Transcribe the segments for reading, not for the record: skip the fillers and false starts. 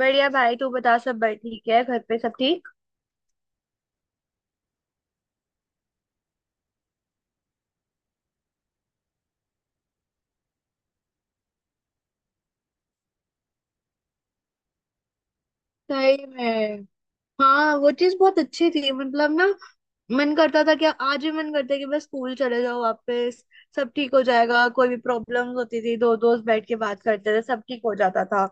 बढ़िया भाई। तू बता, सब बड़ ठीक है? घर पे सब ठीक? सही में। हाँ, वो चीज बहुत अच्छी थी मतलब ना। मन करता था कि आज भी मन करता है कि बस स्कूल चले जाओ वापस। सब ठीक हो जाएगा। कोई भी प्रॉब्लम्स होती थी, दो दोस्त बैठ के बात करते थे सब ठीक हो जाता था।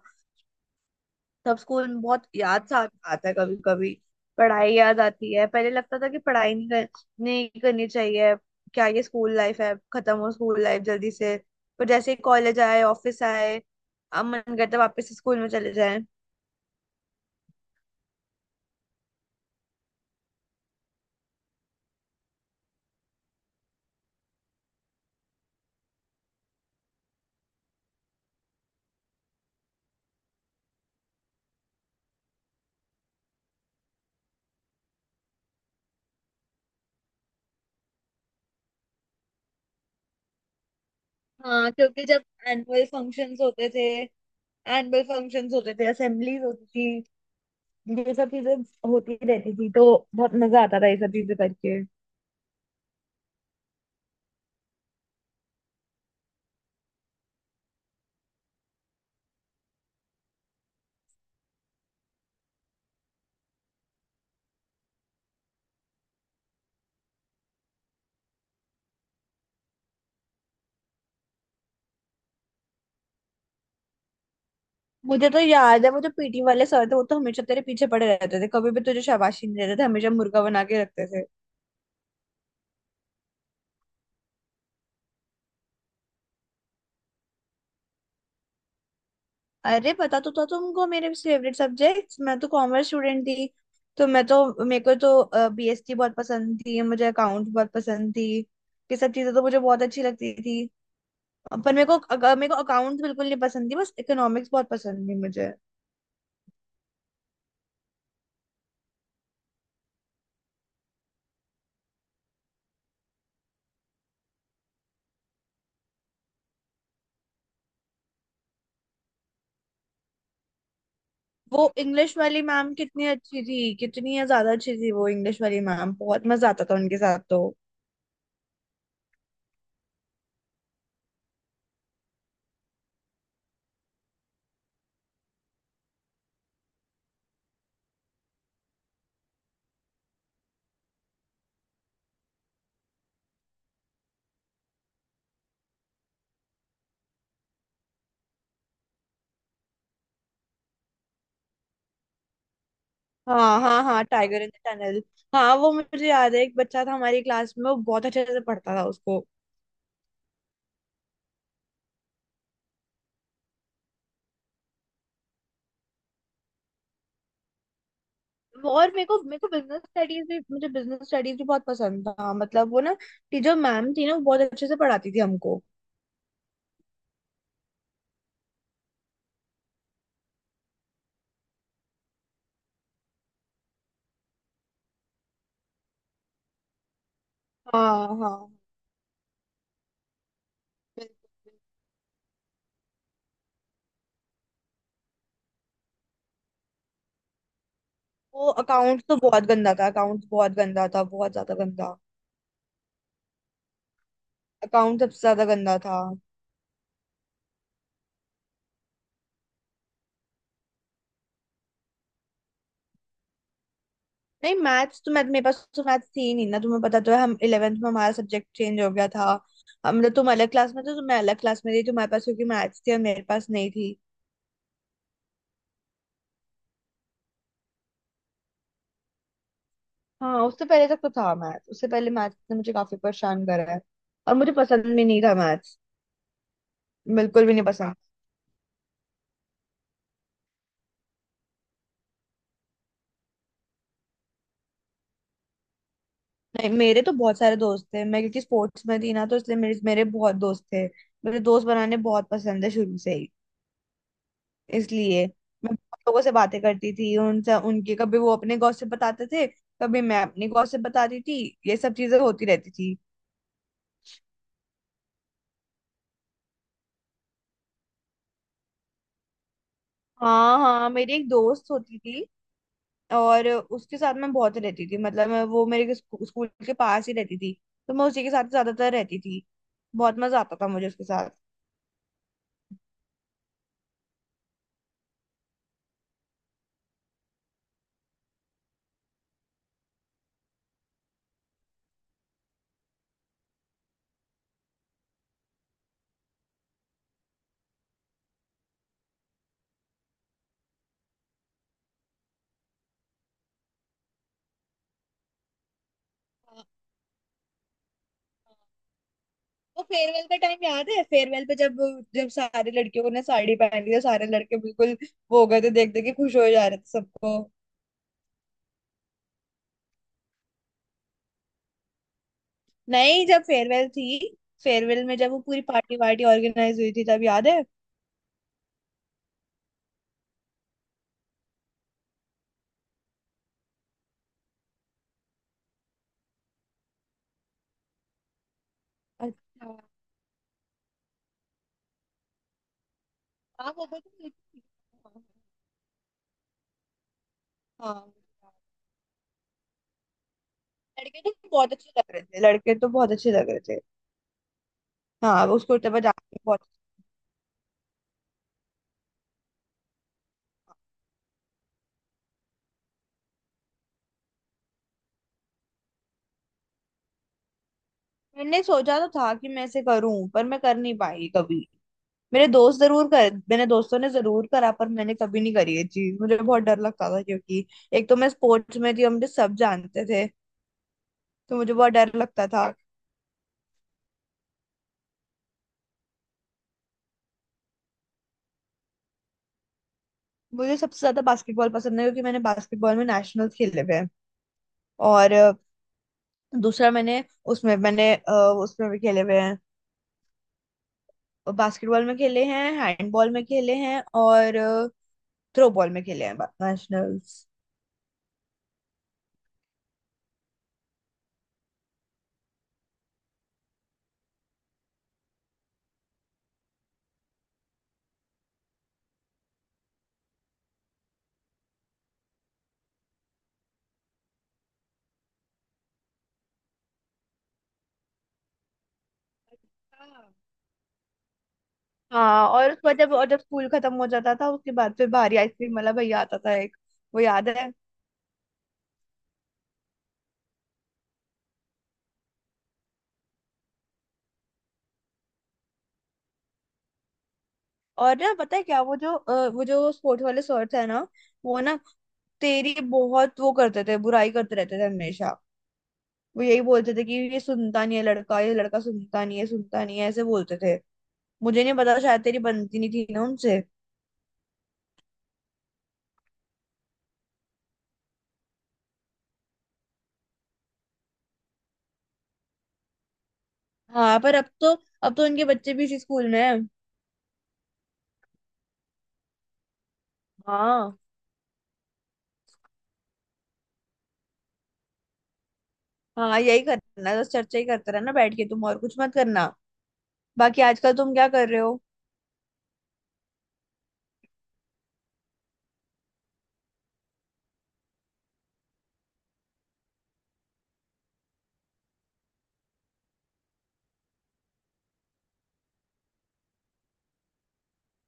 तब स्कूल बहुत याद सा आता है कभी कभी। पढ़ाई याद आती है। पहले लगता था कि पढ़ाई नहीं करनी चाहिए। क्या ये स्कूल लाइफ है? खत्म हो स्कूल लाइफ जल्दी से। पर जैसे ही कॉलेज आए, ऑफिस आए, अब मन करता है वापस स्कूल में चले जाए। हाँ, क्योंकि जब एनुअल फंक्शंस होते थे एनुअल फंक्शंस होते थे, असेंबलीज होती थी, ये सब चीजें होती रहती थी तो बहुत मजा आता था ये सब चीजें करके। मुझे तो याद है वो जो पीटी वाले सर थे वो तो हमेशा तेरे पीछे पड़े रहते थे। कभी भी तुझे शाबाशी नहीं देते थे, हमेशा मुर्गा बना के रखते थे। अरे पता तो था तुमको मेरे फेवरेट सब्जेक्ट्स। मैं तो कॉमर्स स्टूडेंट थी, तो मैं तो मेरे को तो बीएसटी बहुत पसंद थी। मुझे अकाउंट बहुत पसंद थी। ये सब चीजें तो मुझे बहुत अच्छी लगती थी। पर मेरे को अकाउंट्स बिल्कुल नहीं पसंद थी, बस इकोनॉमिक्स बहुत पसंद थी मुझे। वो इंग्लिश वाली मैम कितनी अच्छी थी। कितनी ज्यादा अच्छी थी वो इंग्लिश वाली मैम, बहुत मजा आता था उनके साथ तो। हाँ हाँ हाँ, टाइगर इन द टनल। हाँ, वो मुझे याद है एक बच्चा था हमारी क्लास में, वो बहुत अच्छे से पढ़ता था उसको। और मेरे को बिजनेस स्टडीज भी, मुझे बिजनेस स्टडीज भी बहुत पसंद था। मतलब वो ना टीचर मैम थी ना, वो बहुत अच्छे से पढ़ाती थी हमको। हाँ हाँ। बिल्कुल, बिल्कुल। वो अकाउंट्स तो बहुत गंदा था, अकाउंट्स बहुत गंदा था, बहुत ज्यादा गंदा। अकाउंट सबसे ज्यादा गंदा था। नहीं, मैथ्स तो मैं, मेरे पास तो मैथ्स थी ही नहीं ना। तुम्हें पता तो है हम 11th में हमारा सब्जेक्ट चेंज हो गया था। हम मतलब तुम अलग क्लास में थे तो मैं अलग क्लास में थी। तुम्हारे पास क्योंकि मैथ्स थी और मेरे पास नहीं थी। हाँ उससे पहले तक तो था मैथ्स। उससे पहले मैथ्स ने मुझे काफी परेशान करा है। और मुझे पसंद भी नहीं था मैथ्स, बिल्कुल भी नहीं पसंद। नहीं, मेरे तो बहुत सारे दोस्त थे। मैं क्योंकि स्पोर्ट्स में थी ना, तो इसलिए मेरे मेरे बहुत दोस्त थे। मेरे दोस्त बनाने बहुत पसंद है शुरू से ही। इसलिए मैं बहुत लोगों से बातें करती थी, उनसे उनके कभी वो अपने गॉसिप बताते थे, कभी मैं अपनी गॉसिप बताती थी। ये सब चीजें होती रहती थी। हाँ हाँ, मेरी एक दोस्त होती थी और उसके साथ मैं बहुत रहती थी। मतलब मैं वो स्कूल के पास ही रहती थी। तो मैं उसी के साथ ज्यादातर रहती थी। बहुत मजा आता था मुझे उसके साथ। हाँ। वो फेयरवेल का टाइम याद है? फेयरवेल पे जब जब सारे लड़कियों ने साड़ी पहनी थी, सारे लड़के बिल्कुल वो हो गए थे, देख देख के खुश हो जा रहे थे सबको। नहीं, जब फेयरवेल थी, फेयरवेल में जब वो पूरी पार्टी वार्टी ऑर्गेनाइज हुई थी तब याद है। अच्छा। हाँ वो भी तो हुई थी। हाँ लड़के तो बहुत अच्छे लग रहे थे, लड़के तो बहुत अच्छे लग रहे थे। हाँ वो उसको तब जाके बहुत। मैंने सोचा तो था कि मैं ऐसे करूं पर मैं कर नहीं पाई कभी। मेरे दोस्त जरूर कर, मेरे दोस्तों ने जरूर करा, पर मैंने कभी नहीं करी ये चीज। मुझे बहुत डर लगता था क्योंकि एक तो मैं स्पोर्ट्स में थी और मुझे सब जानते थे। तो मुझे बहुत डर लगता था। मुझे सबसे ज्यादा बास्केटबॉल पसंद है क्योंकि मैंने बास्केटबॉल में नेशनल खेले हुए हैं। और दूसरा मैंने, उसमें मैंने उसमें भी खेले हुए हैं। बास्केटबॉल में खेले हैं, हैंडबॉल में खेले हैं और थ्रो बॉल में खेले हैं, नेशनल्स। हाँ। हाँ और उसके बाद जब, और जब स्कूल खत्म हो जाता था उसके बाद फिर बाहरी आइसक्रीम वाला भैया आता था एक, वो याद है? और ना पता है क्या, वो जो स्पोर्ट्स वाले सर थे ना, वो ना तेरी बहुत वो करते थे, बुराई करते रहते थे हमेशा। वो यही बोलते थे कि ये सुनता नहीं है लड़का, ये लड़का सुनता नहीं है, सुनता नहीं है, ऐसे बोलते थे। मुझे नहीं पता, शायद तेरी बनती नहीं थी ना उनसे। हाँ पर अब तो उनके बच्चे भी इसी स्कूल में हैं। हाँ हाँ, यही करना है, बस चर्चा ही करते रहना बैठ के तुम, और कुछ मत करना। बाकी आजकल तुम क्या कर रहे हो?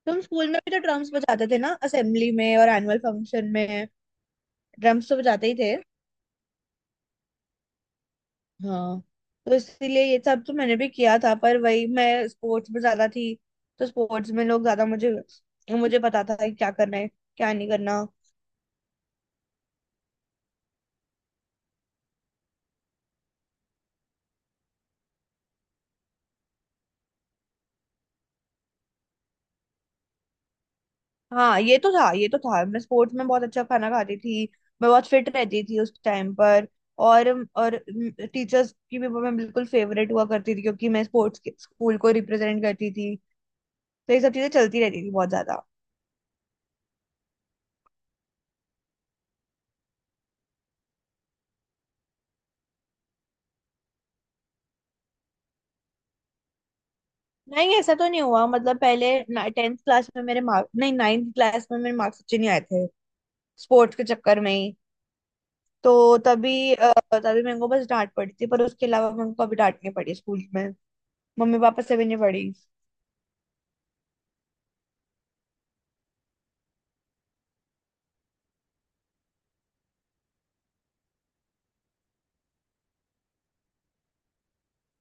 तुम स्कूल में भी तो ड्रम्स बजाते थे ना, असेंबली में और एनुअल फंक्शन में। ड्रम्स तो बजाते ही थे। हाँ। तो इसीलिए ये सब तो मैंने भी किया था, पर वही मैं स्पोर्ट्स में ज्यादा थी। तो स्पोर्ट्स में लोग ज्यादा मुझे। मुझे पता था कि क्या करना है, क्या नहीं करना। हाँ ये तो था, ये तो था, मैं स्पोर्ट्स में बहुत अच्छा खाना खाती थी। मैं बहुत फिट रहती थी उस टाइम पर। और और टीचर्स की भी मैं बिल्कुल फेवरेट हुआ करती थी, क्योंकि मैं स्पोर्ट्स के स्कूल को रिप्रेजेंट करती थी। तो ये सब चीजें चलती रहती थी बहुत ज्यादा। नहीं, ऐसा तो नहीं हुआ, मतलब पहले 10th क्लास में मेरे मार्क्स, नहीं 9th क्लास में मेरे मार्क्स अच्छे नहीं आए थे स्पोर्ट्स के चक्कर में ही। तो तभी तभी मेरे को बस डांट पड़ी थी, पर उसके अलावा मेरे को कभी डांट नहीं पड़ी स्कूल में। मम्मी पापा से भी नहीं पड़ी।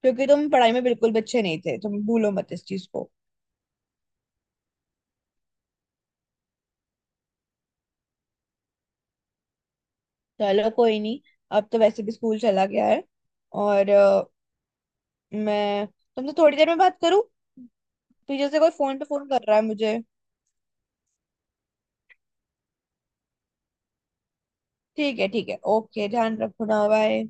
क्योंकि तुम पढ़ाई में बिल्कुल भी अच्छे नहीं थे तुम, भूलो मत इस चीज को। चलो कोई नहीं। अब तो वैसे भी स्कूल चला गया है। और मैं तुमसे थोड़ी देर में बात करूँ? पीछे से कोई फोन पे फोन कर रहा है मुझे। ठीक है ठीक है, ओके, ध्यान रखो ना, बाय।